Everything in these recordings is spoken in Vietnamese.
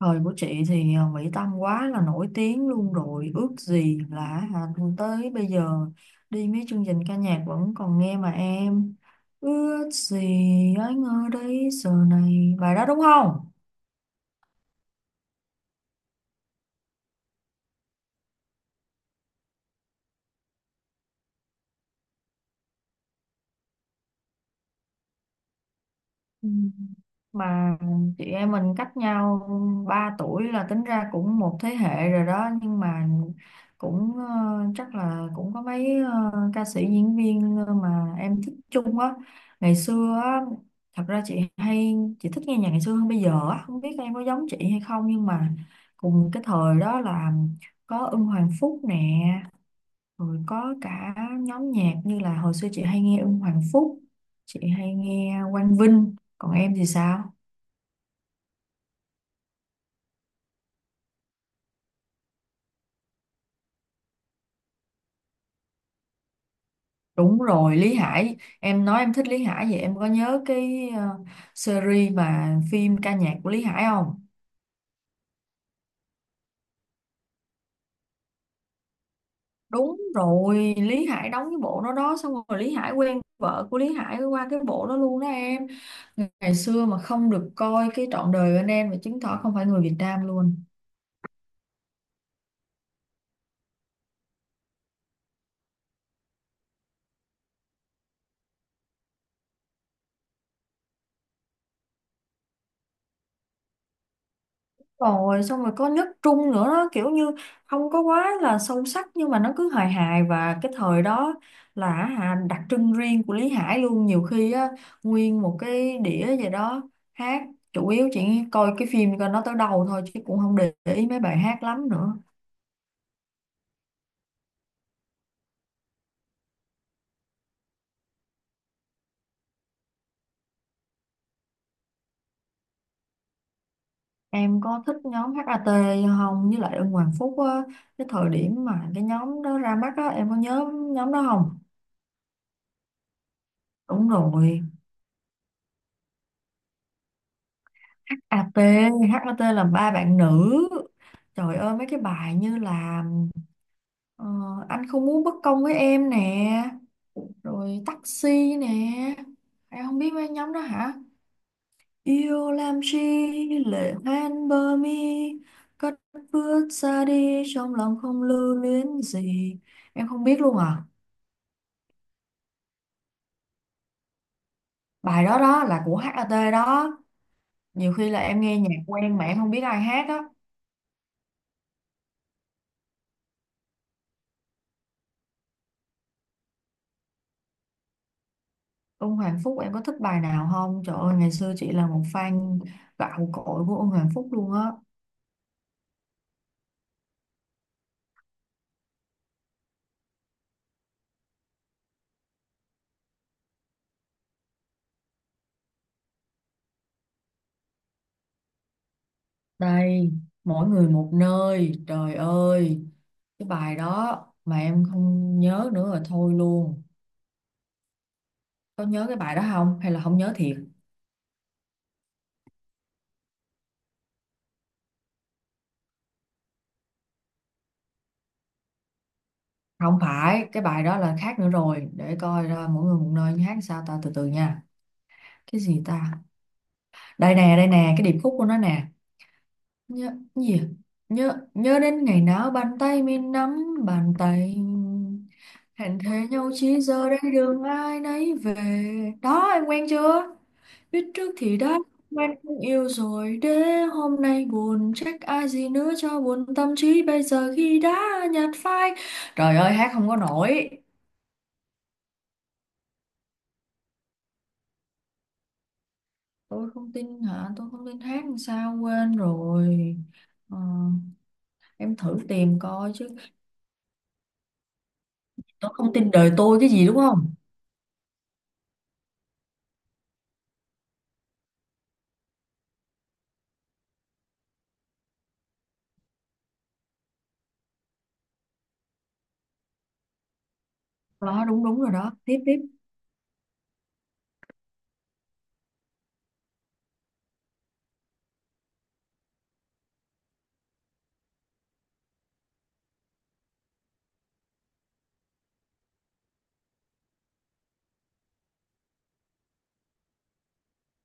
Thời của chị thì Mỹ Tâm quá là nổi tiếng luôn rồi. Ước gì là, à, tới bây giờ đi mấy chương trình ca nhạc vẫn còn nghe mà em. Ước gì anh ở đây giờ này, bài đó đúng không? Ừ, mà chị em mình cách nhau 3 tuổi là tính ra cũng một thế hệ rồi đó, nhưng mà cũng chắc là cũng có mấy ca sĩ diễn viên mà em thích chung á, ngày xưa á. Thật ra chị hay, chị thích nghe nhạc ngày xưa hơn bây giờ á, không biết em có giống chị hay không, nhưng mà cùng cái thời đó là có Ưng Hoàng Phúc nè, rồi có cả nhóm nhạc. Như là hồi xưa chị hay nghe Ưng Hoàng Phúc, chị hay nghe Quang Vinh, còn em thì sao? Đúng rồi, Lý Hải, em nói em thích Lý Hải. Vậy em có nhớ cái series mà phim ca nhạc của Lý Hải không? Đúng rồi, Lý Hải đóng cái bộ đó đó, xong rồi Lý Hải quen vợ của Lý Hải qua cái bộ đó luôn đó em. Ngày xưa mà không được coi cái Trọn đời bên em mà chứng tỏ không phải người Việt Nam luôn. Rồi xong rồi có nước Trung nữa đó, kiểu như không có quá là sâu sắc, nhưng mà nó cứ hài hài. Và cái thời đó là, hả, đặc trưng riêng của Lý Hải luôn. Nhiều khi á nguyên một cái đĩa gì đó hát, chủ yếu chỉ coi cái phim, coi nó tới đầu thôi, chứ cũng không để ý mấy bài hát lắm nữa. Em có thích nhóm hát HAT không, với lại Ưng Hoàng Phúc á? Cái thời điểm mà cái nhóm đó ra mắt á, em có nhớ nhóm đó không? Đúng rồi, HAT, HAT là ba bạn nữ. Trời ơi, mấy cái bài như là ờ, anh không muốn bất công với em nè, rồi taxi nè. Em không biết mấy nhóm đó hả? Yêu làm chi lệ hoen bờ mi, cất bước xa đi trong lòng không lưu luyến gì. Em không biết luôn à? Bài đó đó là của HAT đó. Nhiều khi là em nghe nhạc quen mà em không biết ai hát á. Ông Hoàng Phúc em có thích bài nào không? Trời ơi, ngày xưa chị là một fan gạo cội của ông Hoàng Phúc luôn á. Đây, Mỗi người một nơi, trời ơi. Cái bài đó mà em không nhớ nữa rồi thôi luôn. Có nhớ cái bài đó không? Hay là không nhớ thiệt? Không phải, cái bài đó là khác nữa rồi. Để coi ra Mỗi người một nơi hát sao ta, từ từ nha. Cái gì ta? Đây nè, cái điệp khúc của nó nè. Nhớ gì à? Nhớ nhớ đến ngày nào bàn tay mình nắm bàn tay, hẹn thề nhau chỉ giờ đây đường ai nấy về. Đó em quen chưa? Biết trước thì đã quen, không yêu rồi để hôm nay buồn, trách ai gì nữa cho buồn tâm trí bây giờ khi đã nhạt phai. Trời ơi, hát không có nổi. Tôi không tin hả? Tôi không tin hát làm sao, quên rồi. Ờ, em thử tìm coi chứ. Tôi không tin đời tôi cái gì đúng không? Đó đúng, đúng rồi đó, tiếp tiếp.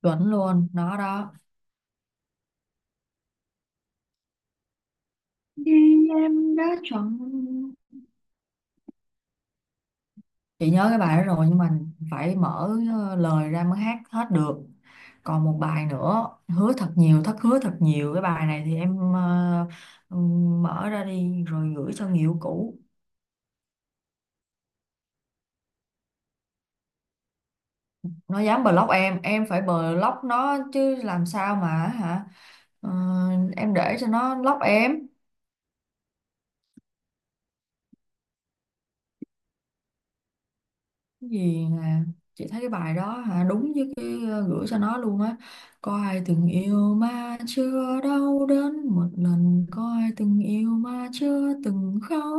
Chuẩn luôn đó đó. Vì em đã chọn. Chị nhớ cái bài đó rồi, nhưng mà phải mở lời ra mới hát hết được. Còn một bài nữa, Hứa thật nhiều thất hứa thật nhiều, cái bài này thì em mở ra đi rồi gửi cho người yêu cũ. Nó dám block em phải block nó chứ, làm sao mà, hả? Ờ, em để cho nó block em. Cái gì nè, chị thấy cái bài đó hả, đúng với cái gửi cho nó luôn á. Có ai từng yêu mà chưa đau đớn một lần, có ai từng yêu mà chưa từng khóc,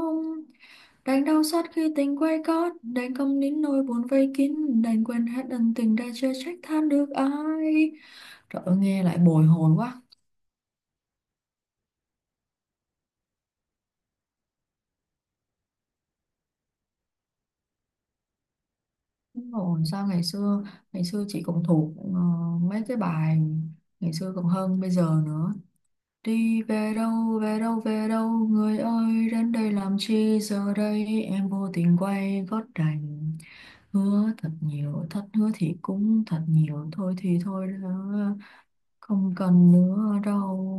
đành đau xót khi tình quay gót, đành câm nín nỗi buồn vây kín, đành quên hết ân tình đã chưa, trách than được ai. Trời ơi, nghe lại bồi hồi quá. Đúng rồi, sao ngày xưa, ngày xưa chị cũng thuộc mấy cái bài ngày xưa còn hơn bây giờ nữa. Đi về đâu, về đâu, về đâu người ơi, đến đây làm chi giờ đây, em vô tình quay gót đành. Hứa thật nhiều, thật hứa thì cũng thật nhiều, thôi thì thôi, đó, không cần nữa đâu.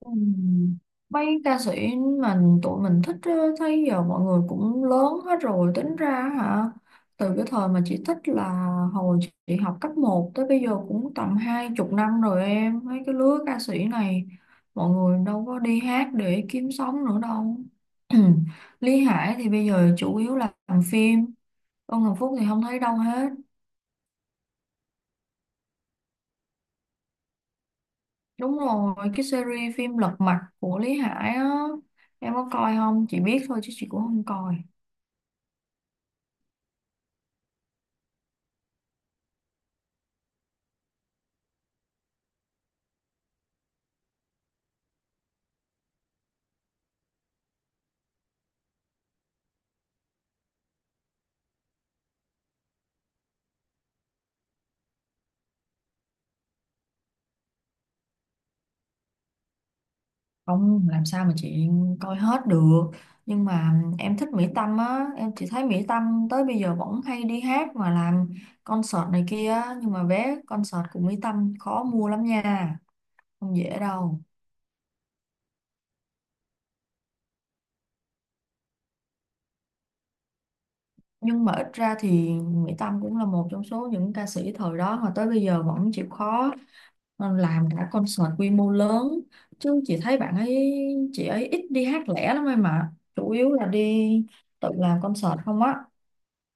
Ừm, Mấy ca sĩ mình, tụi mình thích á, thấy giờ mọi người cũng lớn hết rồi, tính ra, hả, từ cái thời mà chị thích là hồi chị học cấp một tới bây giờ cũng tầm hai chục năm rồi em. Mấy cái lứa ca sĩ này mọi người đâu có đi hát để kiếm sống nữa đâu. Lý Hải thì bây giờ chủ yếu là làm phim, Tôn Hồng Phúc thì không thấy đâu hết. Đúng rồi, cái series phim Lật Mặt của Lý Hải á, em có coi không? Chị biết thôi chứ chị cũng không coi, không làm sao mà chị coi hết được. Nhưng mà em thích Mỹ Tâm á, em chỉ thấy Mỹ Tâm tới bây giờ vẫn hay đi hát mà làm concert này kia á, nhưng mà vé concert của Mỹ Tâm khó mua lắm nha, không dễ đâu. Nhưng mà ít ra thì Mỹ Tâm cũng là một trong số những ca sĩ thời đó mà tới bây giờ vẫn chịu khó làm cả concert quy mô lớn. Chứ chị thấy bạn ấy, chị ấy ít đi hát lẻ lắm em, mà chủ yếu là đi tự làm concert không á.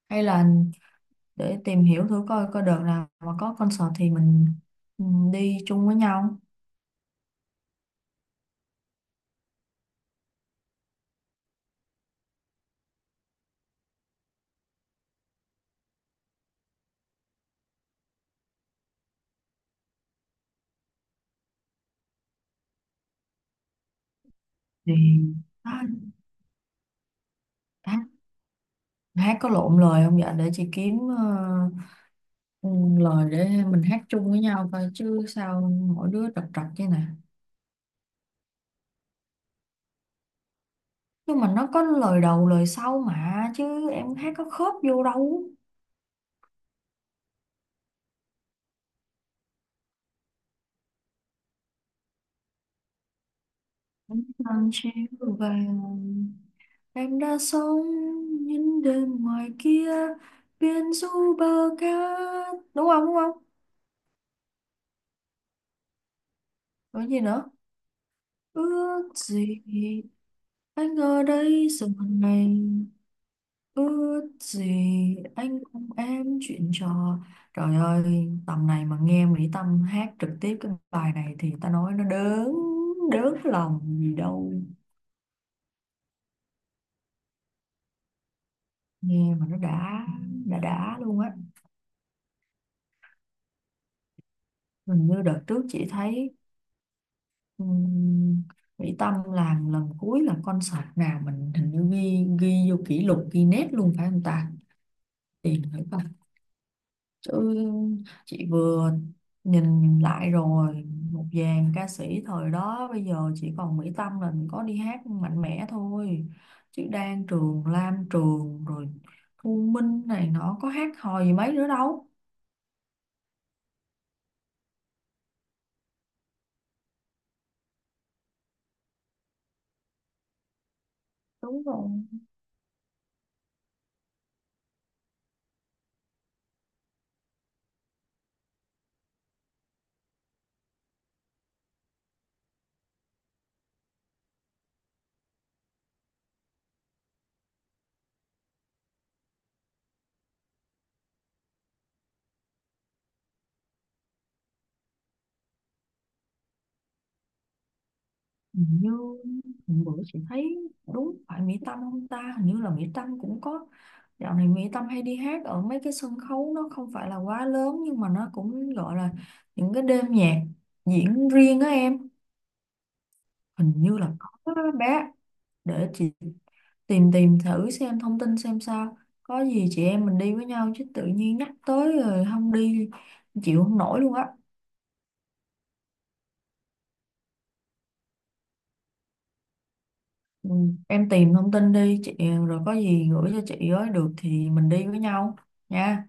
Hay là để tìm hiểu thử coi, coi đợt nào mà có concert thì mình, ừ, đi chung với nhau thì đó. Hát, hát có lộn lời không vậy, để chị kiếm ừ, lời để mình hát chung với nhau, coi chứ sao mỗi đứa trật trật chứ nè. Nhưng mà nó có lời đầu lời sau mà, chứ em hát có khớp vô đâu. Nắng chiều vàng, em đã sống những đêm ngoài kia biển du bờ cát, đúng không, đúng không? Rồi gì nữa? Ước gì anh ở đây giờ này, ước gì anh cùng em chuyện trò. Trời ơi, tầm này mà nghe Mỹ Tâm hát trực tiếp cái bài này thì ta nói nó đớn, đớn lòng gì đâu. Nghe mà nó đã, đã luôn á. Hình như đợt trước chị thấy, ừm, Mỹ Tâm làm lần cuối là concert nào, mình hình như ghi, vô kỷ lục Guinness luôn, phải không ta? Tiền phải. Tôi, chị vừa nhìn lại rồi, một dàn ca sĩ thời đó bây giờ chỉ còn Mỹ Tâm là mình có đi hát mạnh mẽ thôi, chứ Đan Trường, Lam Trường rồi Thu Minh này nó có hát hò gì mấy nữa đâu. Đúng rồi, hình như hôm bữa chị thấy, đúng phải Mỹ Tâm không ta, hình như là Mỹ Tâm cũng có, dạo này Mỹ Tâm hay đi hát ở mấy cái sân khấu nó không phải là quá lớn, nhưng mà nó cũng gọi là những cái đêm nhạc diễn riêng á em. Hình như là có đó bé, để chị tìm tìm thử xem thông tin xem sao. Có gì chị em mình đi với nhau, chứ tự nhiên nhắc tới rồi không đi chịu không nổi luôn á. Ừ, em tìm thông tin đi chị, rồi có gì gửi cho chị ấy được thì mình đi với nhau nha.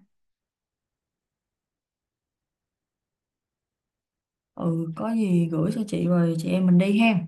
Ừ, có gì gửi cho chị rồi chị em mình đi ha.